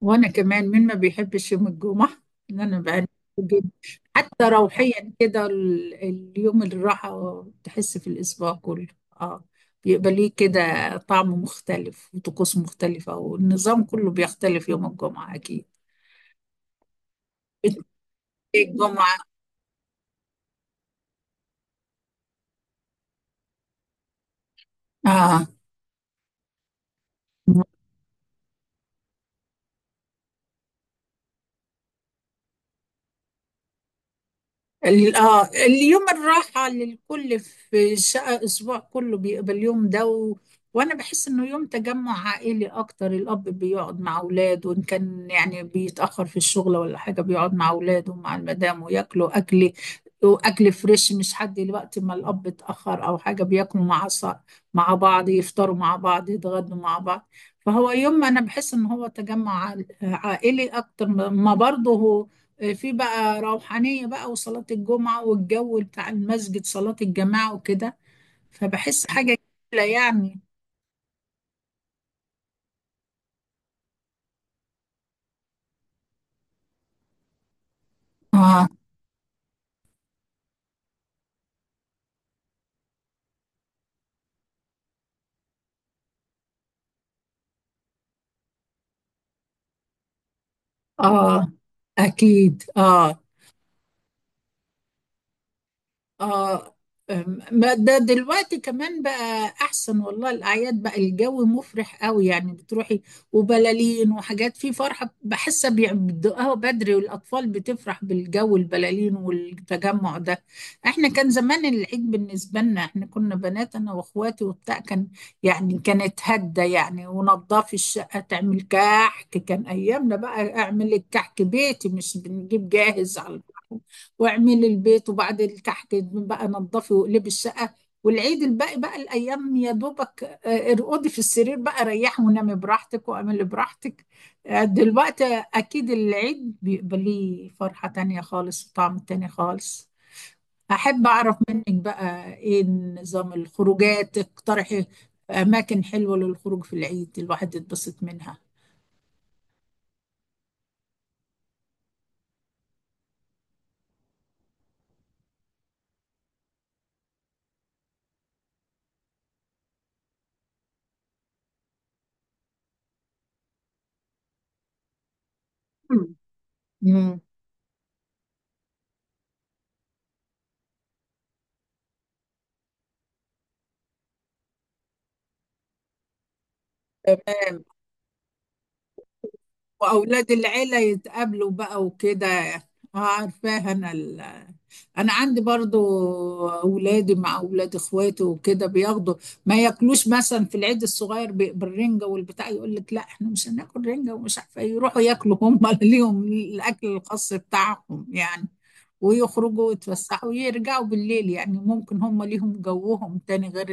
وانا كمان، مين ما بيحبش يوم الجمعه؟ ان انا بقى، جدا. حتى روحيا كده، اليوم الراحه تحس في الاسبوع كله. اه، بيبقى ليه كده طعم مختلف وطقوس مختلفه، والنظام كله بيختلف يوم الجمعه اكيد. إيه، الجمعه، اه. اليوم الراحة للكل في شقة أسبوع كله، بيبقى اليوم ده وأنا بحس إنه يوم تجمع عائلي أكتر، الأب بيقعد مع أولاده، وإن كان يعني بيتأخر في الشغل ولا حاجة بيقعد مع أولاده ومع المدام وياكلوا أكل، وأكل فريش مش حد وقت ما الأب اتأخر أو حاجة. بياكلوا مع مع بعض، يفطروا مع بعض، يتغدوا مع بعض. فهو يوم أنا بحس إن هو تجمع عائلي أكتر، ما برضه هو في بقى روحانية بقى وصلاة الجمعة والجو بتاع المسجد، صلاة الجماعة وكده. فبحس حاجة جميلة يعني. اه، اه، اكيد، اه. اه، ما ده دلوقتي كمان بقى احسن، والله الاعياد بقى الجو مفرح قوي يعني، بتروحي وبلالين وحاجات، في فرحه بحسها بيبدأها بدري، والاطفال بتفرح بالجو، البلالين والتجمع ده. احنا كان زمان العيد بالنسبه لنا، احنا كنا بنات، انا واخواتي وبتاع، كان يعني كانت هده يعني، ونضفي الشقه تعمل كحك، كان ايامنا بقى اعمل الكحك بيتي مش بنجيب جاهز على البحر. واعملي البيت، وبعد اللي تحت بقى نظفي واقلبي الشقه. والعيد الباقي بقى الايام يا دوبك، ارقدي في السرير بقى، ريحي ونامي براحتك واعملي براحتك. دلوقتي اكيد العيد بيبقى ليه فرحه تانية خالص وطعم تاني خالص. احب اعرف منك بقى ايه نظام الخروجات، اقترحي اماكن حلوه للخروج في العيد الواحد يتبسط منها. مم. واولاد العيله يتقابلوا بقى وكده. اه، عارفاها انا عندي برضو، اولادي مع اولاد اخواتي وكده بياخدوا. ما ياكلوش مثلا في العيد الصغير بالرنجه والبتاع، يقول لك لا احنا مش هناكل رنجه ومش عارفه إيه. يروحوا ياكلوا هم ليهم الاكل الخاص بتاعهم يعني. ويخرجوا ويتفسحوا ويرجعوا بالليل، يعني ممكن هم ليهم جوهم تاني غير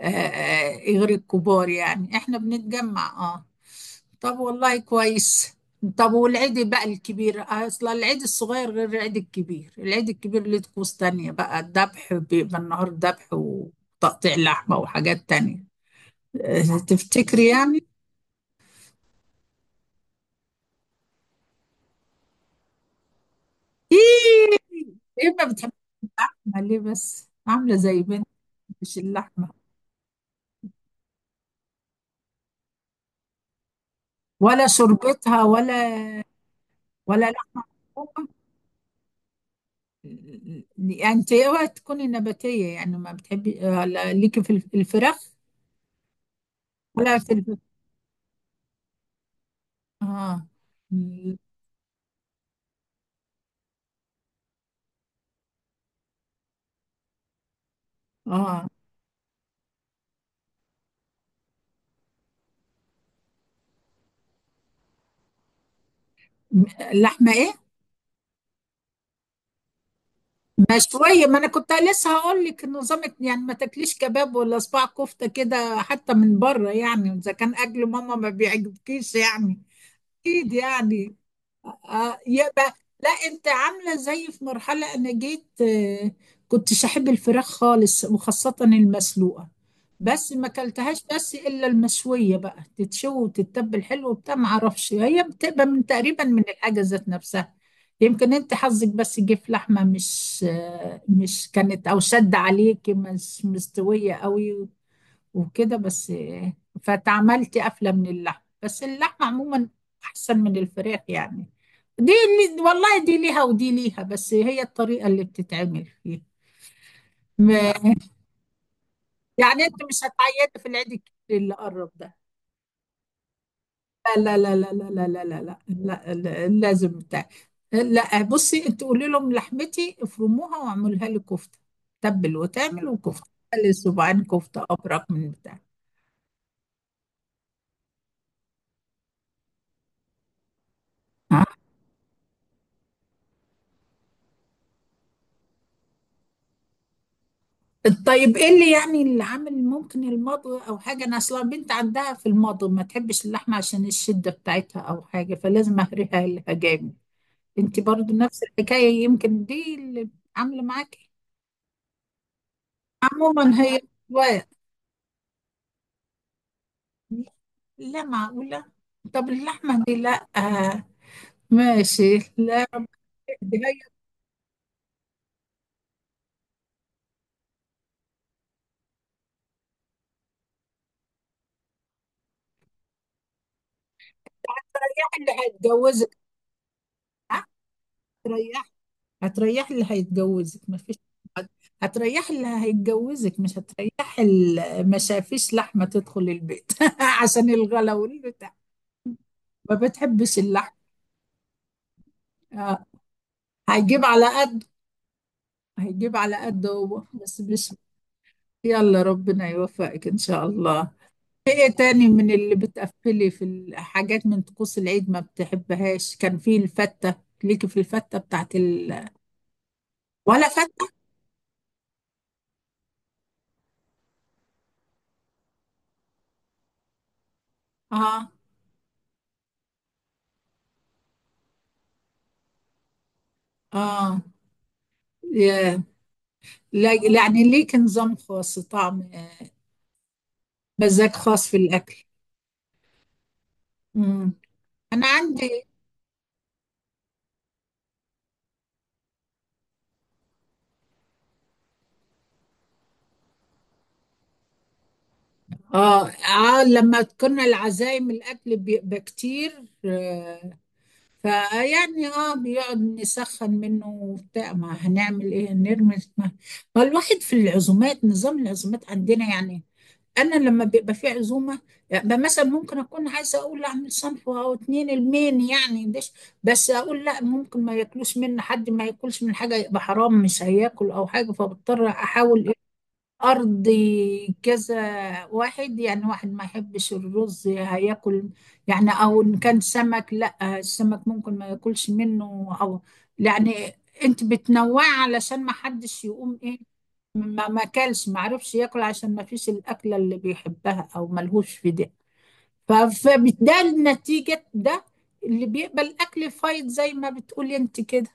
غير الكبار، يعني احنا بنتجمع، اه. طب، والله كويس. طب والعيد بقى الكبير، اصل العيد الصغير غير العيد الكبير، العيد الكبير ليه طقوس تانية بقى، الذبح بيبقى النهار ذبح وتقطيع لحمة وحاجات تانية. تفتكري يعني؟ ايه ايه ما بتحبش اللحمة ليه؟ بس عاملة زي بنت، مش اللحمة، ولا شربتها، ولا لحمة مفرومة. يعني انت اوعي تكوني نباتية، يعني ما بتحبي. لا ليكي في الفراخ، ولا في الف... اه م- اه م- لحمة ايه؟ مشوية. ما انا كنت لسه هقول لك نظامك، يعني ما تاكليش كباب ولا صباع كفتة كده حتى من بره، يعني اذا كان اكل ماما ما بيعجبكيش يعني، اكيد يعني. آه، يبقى لا، انت عامله زي في مرحله انا جيت، كنتش احب الفراخ خالص وخاصه المسلوقه، بس ما اكلتهاش، بس الا المشويه بقى تتشوي وتتبل حلو وبتاع، ما اعرفش هي بتبقى من تقريبا من الحاجه ذات نفسها. يمكن انت حظك بس جه في لحمه مش مش كانت او شد عليك، مش مستويه قوي وكده بس. فتعملت قفلة من اللحم، بس اللحمة عموما أحسن من الفراخ يعني، دي اللي والله دي ليها ودي ليها، بس هي الطريقة اللي بتتعمل فيها. م- يعني أنت مش هتعيط في العيد الكبير اللي قرب ده؟ لا لا لا لا لا لا لا لا لا، لا، لا لازم بتاع. لا بصي، أنت قولي لهم لحمتي افرموها واعملها لي كفتة، تبل وتعمل وكفتة، خلي صباعين كفتة أبرك من بتاع. طيب ايه اللي يعني اللي عامل، ممكن المضغ او حاجه، انا اصلا بنت عندها في المضغ ما تحبش اللحمه عشان الشده بتاعتها او حاجه، فلازم اهريها لها جامد. انت برضو نفس الحكايه، يمكن دي اللي عامله معاكي. عموما هي أذواق. لا معقوله. طب اللحمه دي لا، ماشي. لا دي هتريح اللي هيتجوزك. ها؟ هتريح هتريح اللي هيتجوزك مفيش. هتريح اللي هيتجوزك، مش هتريح اللي ما شافيش لحمة تدخل البيت عشان الغلا والبتاع، ما بتحبش اللحم. آه. هيجيب على قد هيجيب على قد هو، بس مش. يلا، ربنا يوفقك إن شاء الله. في ايه تاني من اللي بتقفلي في الحاجات من طقوس العيد ما بتحبهاش؟ كان في الفتة، ليكي في الفتة بتاعت ولا فتة؟ اه، اه، يا- يعني ليك نظام خاص، طعم، مزاج خاص في الأكل. مم. انا عندي، اه لما كنا العزايم الاكل بيبقى كتير، فيعني، بيقعد نسخن منه وبتاع، ما هنعمل ايه، نرمي؟ ما الواحد في العزومات، نظام العزومات عندنا يعني، انا لما بيبقى في عزومه يعني، مثلا ممكن اكون عايزه اقول اعمل صنف او اتنين المين يعني دش، بس اقول لا، ممكن ما ياكلوش مني حد، ما ياكلش من حاجه يبقى حرام مش هياكل او حاجه، فبضطر احاول أرضي كذا واحد، يعني واحد ما يحبش الرز هياكل يعني، أو إن كان سمك لا السمك ممكن ما ياكلش منه، أو يعني. أنت بتنوعي علشان ما حدش يقوم إيه، ما ما كلش، ما عرفش ياكل عشان ما فيش الأكلة اللي بيحبها أو ملهوش في ده. ف- فبالتالي نتيجة ده، اللي بيقبل أكل فايض زي ما بتقولي أنت كده.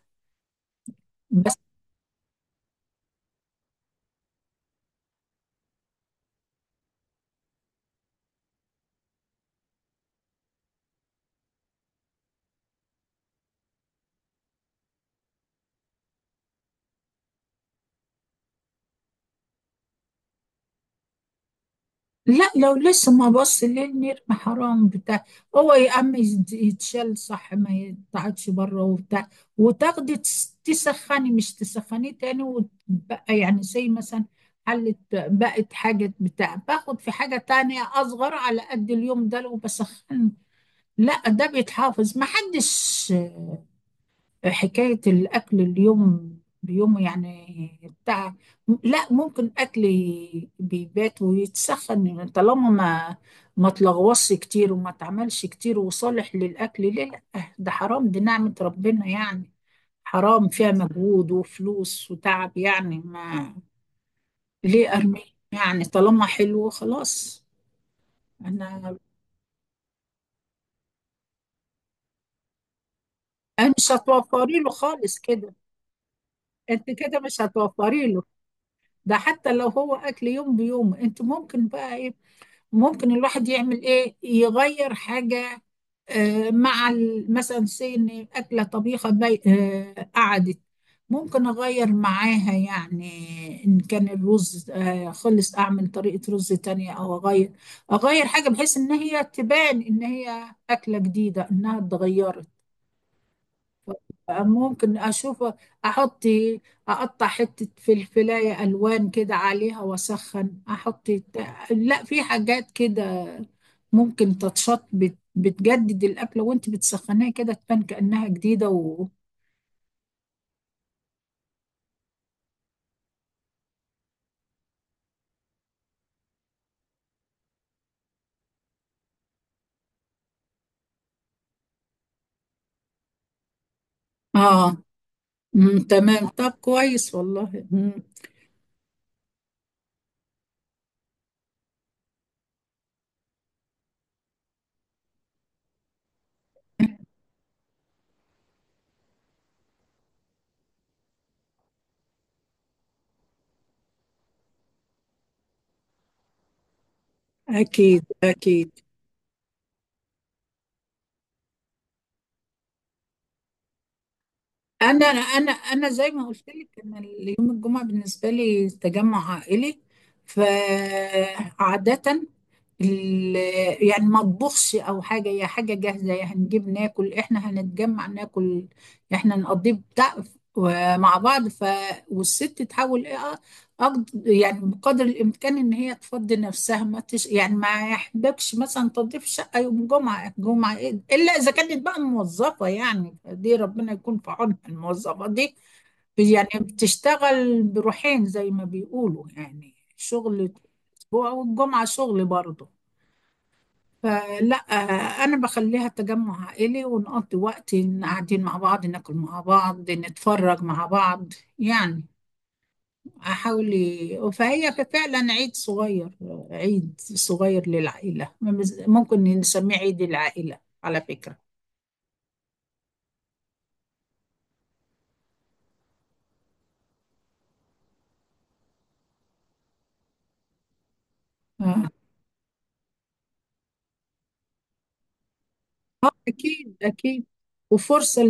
لا لو لسه، ما بص ليه النرمة حرام بتاع، هو يا عم يتشال، صح، ما يتقعدش بره وبتاع، وتاخدي تسخني، مش تسخنيه تاني، وتبقى يعني زي مثلا حلت، بقت حاجة بتاع، باخد في حاجة تانية أصغر على قد اليوم ده لو بسخن. لا، ده بيتحافظ، محدش حكاية الأكل اليوم بيوم يعني بتاع. لا ممكن أكل بيبات ويتسخن، طالما ما تلغوصش كتير وما تعملش كتير، وصالح للأكل، ليه لا؟ ده حرام، دي نعمة ربنا يعني، حرام فيها مجهود وفلوس وتعب يعني، ما ليه أرميه؟ يعني طالما حلو خلاص. أنا أنا مش هتوفري له خالص كده. أنت كده مش هتوفري له، ده حتى لو هو اكل يوم بيوم، انت ممكن بقى ايه؟ ممكن الواحد يعمل ايه؟ يغير حاجه. آه مع مثلا سي ان اكله طبيخه بي آه قعدت، ممكن اغير معاها يعني، ان كان الرز خلص اعمل طريقه رز تانية، او اغير، اغير حاجه بحيث ان هي تبان ان هي اكله جديده، انها اتغيرت. ممكن اشوف، احط، اقطع حتة فلفلاية الوان كده عليها واسخن، احط. لا، في حاجات كده ممكن تتشط، بتجدد الأكلة وانت بتسخنيها كده، تبان كأنها جديدة اه، تمام، طب كويس والله. اكيد، اكيد. انا زي ما قلت لك ان يوم الجمعه بالنسبه لي تجمع عائلي، فعاده ال- يعني ما اطبخش او حاجه، هي حاجه جاهزه يعني، هنجيب ناكل، احنا هنتجمع ناكل، احنا نقضي بتاع مع بعض، ف، والست تحاول ايه، يعني بقدر الإمكان إن هي تفضي نفسها، ما تش... يعني ما يحبكش مثلا تنظيف شقة يوم جمعة، جمعة إيه؟ إلا إذا كانت بقى موظفة يعني، دي ربنا يكون في عونها الموظفة دي، يعني بتشتغل بروحين زي ما بيقولوا، يعني شغل أسبوع والجمعة شغل برضه. فلا، أنا بخليها تجمع عائلي، ونقضي وقت إن قاعدين مع بعض، ناكل مع بعض، نتفرج مع بعض يعني، احاول فهي فعلا عيد صغير، عيد صغير للعائلة، ممكن نسميه عيد العائلة على فكرة. آه. اكيد، اكيد، وفرصة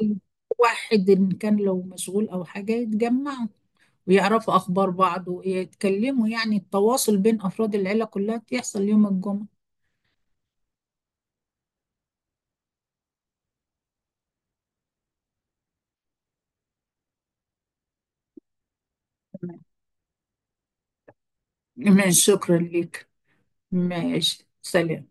لواحد ان كان لو مشغول او حاجة يتجمعوا، ويعرفوا اخبار بعض ويتكلموا، يعني التواصل بين افراد العيلة كلها بيحصل يوم الجمعة. تمام، شكرا لك. ماشي، سلام.